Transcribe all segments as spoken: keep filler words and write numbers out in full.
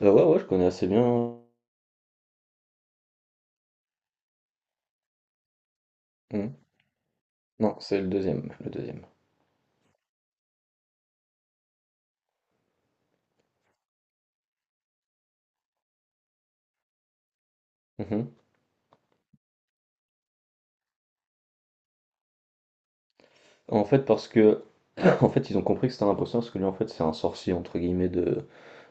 Heu, ouais, ouais, je connais assez bien. Mmh. Non, c'est le deuxième le deuxième e En fait, parce que en fait, ils ont compris que c'était un imposteur, parce que lui, en fait, c'est un «sorcier» entre guillemets de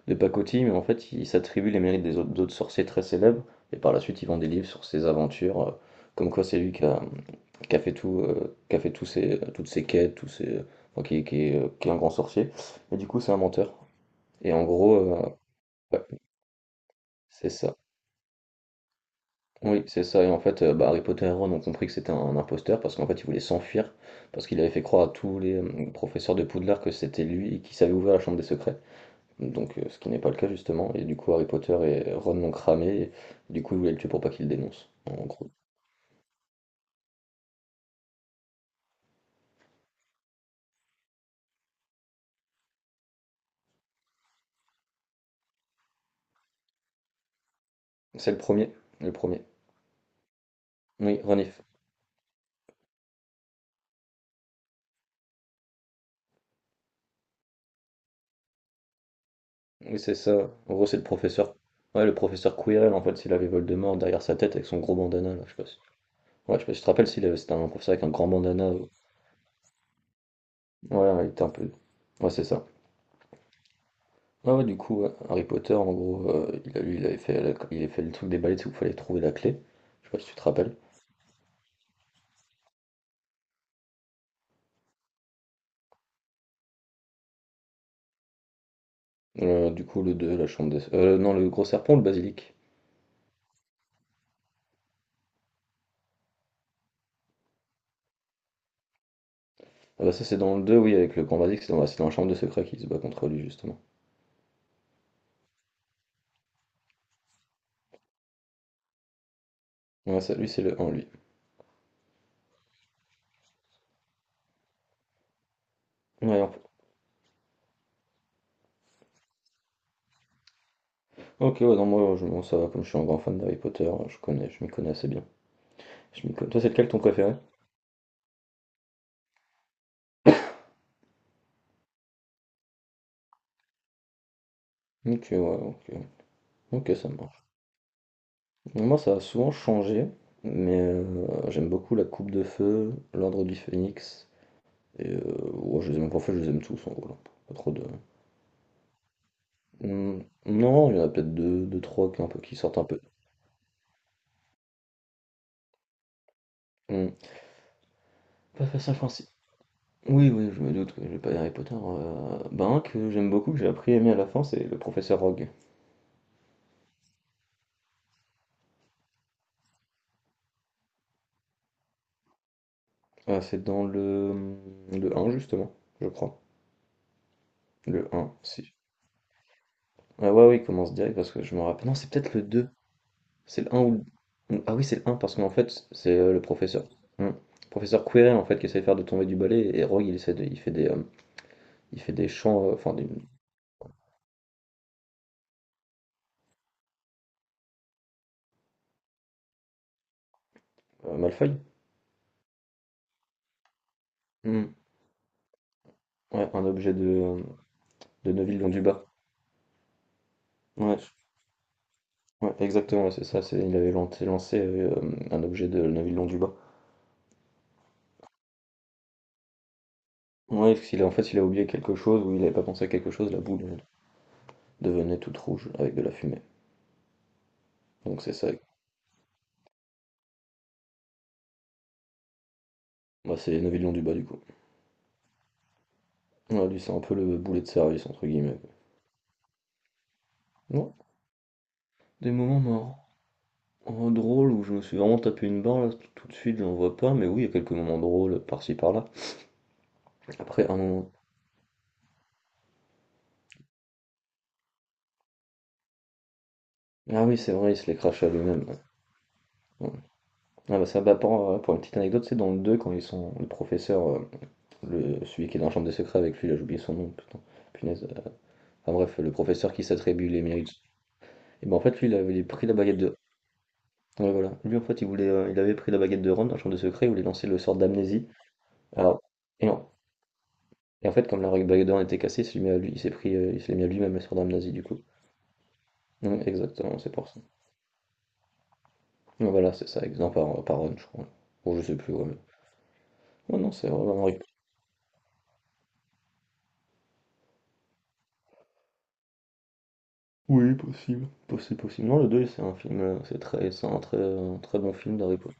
de pacotille, mais en fait, il s'attribue les mérites des autres d'autres sorciers très célèbres et par la suite, il vend des livres sur ses aventures, heu, comme quoi c'est lui qui a, mmh, qui a fait tout, heu, qui a fait tous ses toutes ses quêtes, tous ses enfin, qui est qui est, heu, qui est un grand sorcier. Mais du coup, c'est un menteur et en gros, heu ouais, c'est ça. Oui, c'est ça. Et en fait, euh, bah, Harry Potter et Ron ont compris que c'était un, un imposteur parce qu'en fait, il voulait s'enfuir parce qu'il avait fait croire à tous les euh, professeurs de Poudlard que c'était lui et qui savait ouvrir la Chambre des Secrets. Donc, euh, ce qui n'est pas le cas justement. Et du coup, Harry Potter et Ron l'ont cramé. Et, du coup, ils voulaient le tuer pour pas qu'il le dénonce. En gros, c'est le premier, le premier. Oui, Ronif. Oui, c'est ça. En gros, c'est le professeur. Ouais, le professeur Quirrell. En fait, s'il avait Voldemort derrière sa tête avec son gros bandana là, je sais pas si. Ouais, je sais pas si tu te rappelles s'il avait. C'était un professeur avec un grand bandana. Ouais, il était un peu. Ouais, c'est ça. Ah ouais, du coup, ouais. Harry Potter, en gros, euh, il a, lui, il avait fait, la- il avait fait le truc des balais, c'est qu'il fallait trouver la clé. Je sais pas si tu te rappelles. Euh, du coup, le deux, la chambre des... euh, non, le gros serpent ou le basilic? Ah bah ça, c'est dans le deux oui, avec le grand basilic, c'est dans, c'est dans la chambre de secret qu'il se bat contre lui, justement. Ouais, ça, lui, c'est le un, lui. Ouais, hop. OK, ouais, non, moi, je, bon, ça va, comme je suis un grand fan d'Harry Potter, je connais, je m'y connais assez bien. Je m'y connais- Toi, c'est lequel ton préféré? OK, ouais, OK. OK, ça marche. Moi, ça a souvent changé, mais euh, j'aime beaucoup la Coupe de Feu, l'Ordre du Phénix. Et heu, ouais, je les ai même en fait, je les aime tous en gros, là. Pas trop de. mmh, non, il y en a peut être deux deux trois qui un peu qui sortent un peu. mmh, Pas facile français. Oui, oui, je me doute, oui, je vais pas dire Harry Potter, heu, ben, un que j'aime beaucoup, que j'ai appris à aimer à la fin, c'est le professeur Rogue. Ah, c'est dans le, mmh, le un justement, je crois. Le un si. Ah ouais, oui, il commence direct parce que je me rappelle non, c'est peut-être le deux. C'est le un ou le Ah oui, c'est le un parce qu'en fait, c'est, heu, le professeur, mmh, professeur Quirrell, en fait, qui essaie de faire de tomber du balai et Rogue, il essaie de il fait des, hem il fait des chants, euh, enfin des. euh, Malfoy? Hmm. Ouais, un objet de, de Neville Londubat. Ouais, je- ouais, exactement, ouais, c'est ça. C'est, il avait lancé, lancé, euh, un objet de Neville Londubat. Ouais, parce qu'il a, en fait, il a oublié quelque chose ou il n'avait pas pensé à quelque chose, la boule euh, devenait toute rouge avec de la fumée. Donc c'est ça. Bah, c'est Neville Londubat du coup. Ouais, lui, c'est un peu le boulet de service, entre guillemets, quoi. Ouais. Des moments marrants, euh, drôles où je me suis vraiment tapé une barre là, tout, tout de suite, j'en vois pas, mais oui, il y a quelques moments drôles par-ci par-là. Après, un moment. Ah oui, c'est vrai, il se les crache à lui-même. Ouais. Ouais. Ah bah ça, bah pour, euh, pour une petite anecdote, c'est dans le deux quand ils sont le professeur, euh, le, celui qui est dans la chambre des secrets avec lui, là j'ai oublié son nom, putain, punaise. euh. Enfin bref, le professeur qui s'attribue les mérites. Et ben en fait lui il avait pris la baguette de. Ouais voilà. Lui en fait il voulait euh, il avait pris la baguette de Ron dans la chambre des secrets, il voulait lancer le sort d'amnésie. Alors et en, et en fait comme la baguette de Ron était cassée, il s'est mis à lui, il s'est pris euh, il s'est mis à lui-même le sort d'amnésie du coup. Ouais, exactement, c'est pour ça. Ouais, Voilà, c'est ça, exemple par, par Ron, je crois. Bon je sais plus, ouais, mais. Ouais, non, c'est vraiment. Possi possible. Non, le deux c'est un film, heu, c'est très, c'est un très, heu, très bon film d'Harry Potter.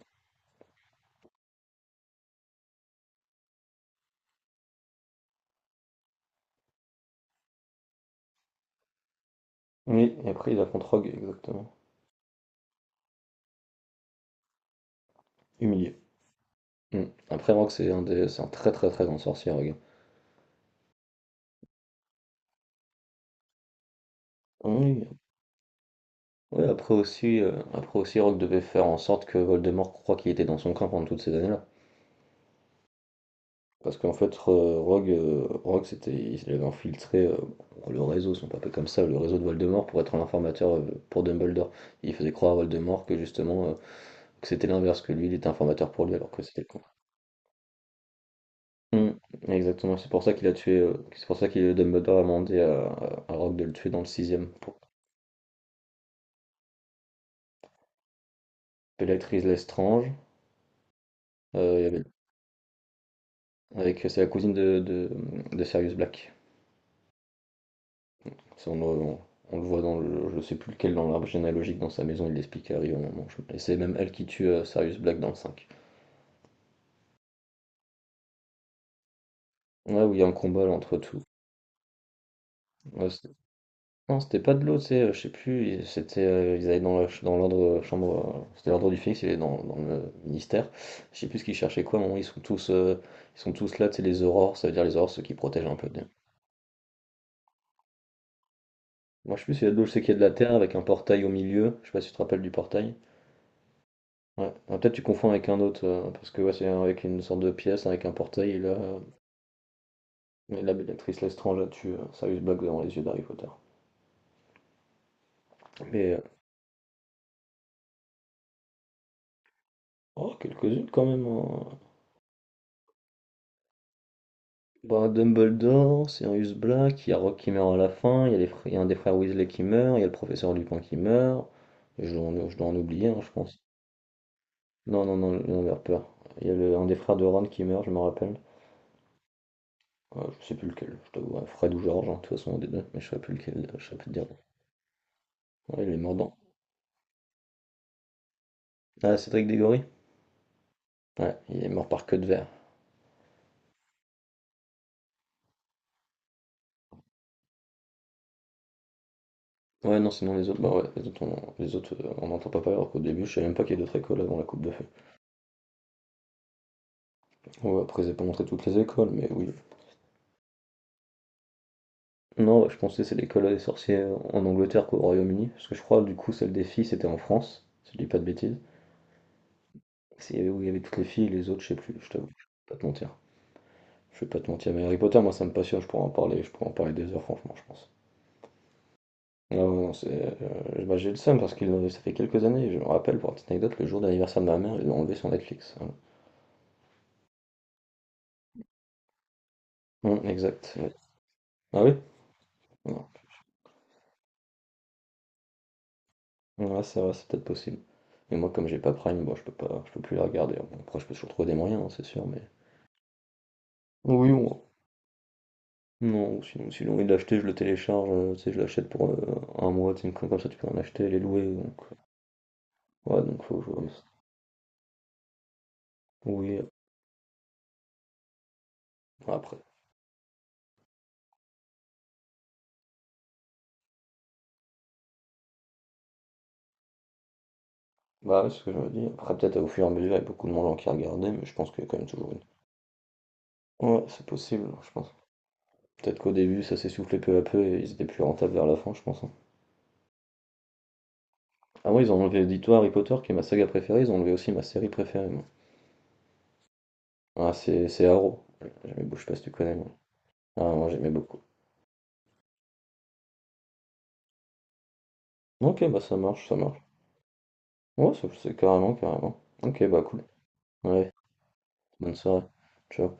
Oui, et après il affronte Rogue, exactement. Humilié. Mmh. Après Rogue, c'est un des c'est un très, très, très grand sorcier, Rogue. Oui, oui, après aussi, heu, après aussi Rogue devait faire en sorte que Voldemort croit qu'il était dans son camp pendant toutes ces années-là. Parce qu'en fait, re Rogue, heu, Rogue, c'était il avait infiltré, heu, le réseau, si on peut appeler comme ça, le réseau de Voldemort pour être l'informateur, heu, pour Dumbledore. Il faisait croire à Voldemort que justement, heu, que c'était l'inverse, que lui, il était informateur pour lui alors que c'était. Mm, exactement, c'est pour ça qu'il a tué, euh, c'est pour ça que Dumbledore a demandé à, à Rogue de le tuer dans le sixième. Pour. Bellatrix Lestrange, euh, il y avait- avec c'est la cousine de, de, de Sirius Black. Ça, on, le on- on le voit dans le, je sais plus lequel, dans l'arbre généalogique dans sa maison, il l'explique à Harry au moment. Je. Et c'est même elle qui tue euh, Sirius Black dans le cinq. Ouais, où il y a un combat là, entre tout. Non, c'était pas de l'eau, tu sais, heu, je sais plus, et c'était, heu, ils allaient dans la ch dans l'ordre, heu, chambre, heu, c'était l'ordre du phénix, il est dans dans le ministère. Je sais plus ce qu'ils cherchaient quoi, à un moment ils sont tous, heu, ils sont tous là, tu sais, les aurores, ça veut dire les aurores, ceux qui protègent un peu des. Moi, je sais plus s'il y a de l'eau, je sais qu'il y a de la terre avec un portail au milieu, je sais pas si tu te rappelles du portail? Ouais, ah, peut-être tu confonds avec un autre, heu, parce que ouais, c'est avec une sorte de pièce avec un portail et là, euh, et là, l'actrice Lestrange, elle tue, heu, Sirius Black devant les yeux d'Harry Potter. Mais, heu, oh, quelques-unes quand même, hein! Bah, Dumbledore, Sirius Black, il y a Rogue qui meurt à la fin, il y a, les fr- il y a un des frères Weasley qui meurt, il y a le professeur Lupin qui meurt, et je dois en, je dois en oublier, hein, je pense. Non, non, non, non, j'ai peur. Il y a le- un des frères de Ron qui meurt, je me rappelle. Euh, je sais plus lequel, je t'avoue, ouais, Fred ou George, hein, de toute façon, un des deux, mais je sais plus lequel, euh, je sais plus te dire. Ouais, il est mort dans. Ah, Cédric Diggory? Ouais, il est mort par queue de verre. Ouais, non, sinon les autres, bah ouais, les autres, on, les autres, euh, on n'entend pas parler, alors qu'au début, je savais même pas qu'il y a d'autres écoles avant la Coupe de Feu. Ouais, après, ils n'ont pas montré toutes les écoles, mais oui. Non, je pensais que c'est l'école des sorciers en Angleterre qu'au Royaume-Uni, parce que je crois du coup celle des filles c'était en France, si je dis pas de bêtises. C'est où il y avait toutes les filles, les autres je sais plus, je t'avoue, je vais pas te mentir. Je vais pas te mentir, mais Harry Potter moi ça me passionne, je pourrais en parler, je pourrais en parler des heures franchement je pense. Non, non, non, c'est, euh, bah, j'ai le seum parce que ça fait quelques années, je me rappelle pour une petite anecdote, le jour d'anniversaire de ma mère, ils l'ont enlevé sur Netflix. Voilà. Hum, exact. Ouais. Ah oui? Non. Ouais, c'est vrai, c'est peut-être possible. Mais moi comme j'ai pas Prime, bon je peux pas, je peux plus la regarder. Bon, après je peux toujours trouver des moyens, hein, c'est sûr, mais. Oui, on. Non, sinon, si j'ai envie de l'acheter, je le télécharge, heu, tu sais, je l'achète pour, heu, un mois, tu sais, une con comme ça, tu peux en acheter, les louer, donc euh, ouais, donc faut que je vois, mais c'est. Oui, euh, après bah, ouais, c'est ce que je me dis, après peut-être au fur et à mesure, il y a beaucoup de gens qui regardaient, mais je pense qu'il y a quand même toujours une. Ouais, c'est possible, je pense. Peut-être qu'au début, ça s'est soufflé peu à peu et ils étaient plus rentables vers la fin, je pense, hein. Ah ouais, ils ont enlevé, dis-toi, Harry Potter qui est ma saga préférée, ils ont enlevé aussi ma série préférée, moi. Ah, c'est c'est Arrow, j'aimais beaucoup je sais pas si tu connais, moi. Ah, moi, j'aimais beaucoup. OK, bah, ça marche, ça marche. Ouais, ça c'est carrément, carrément. OK, bah, cool. Ouais, bonne soirée. Ciao.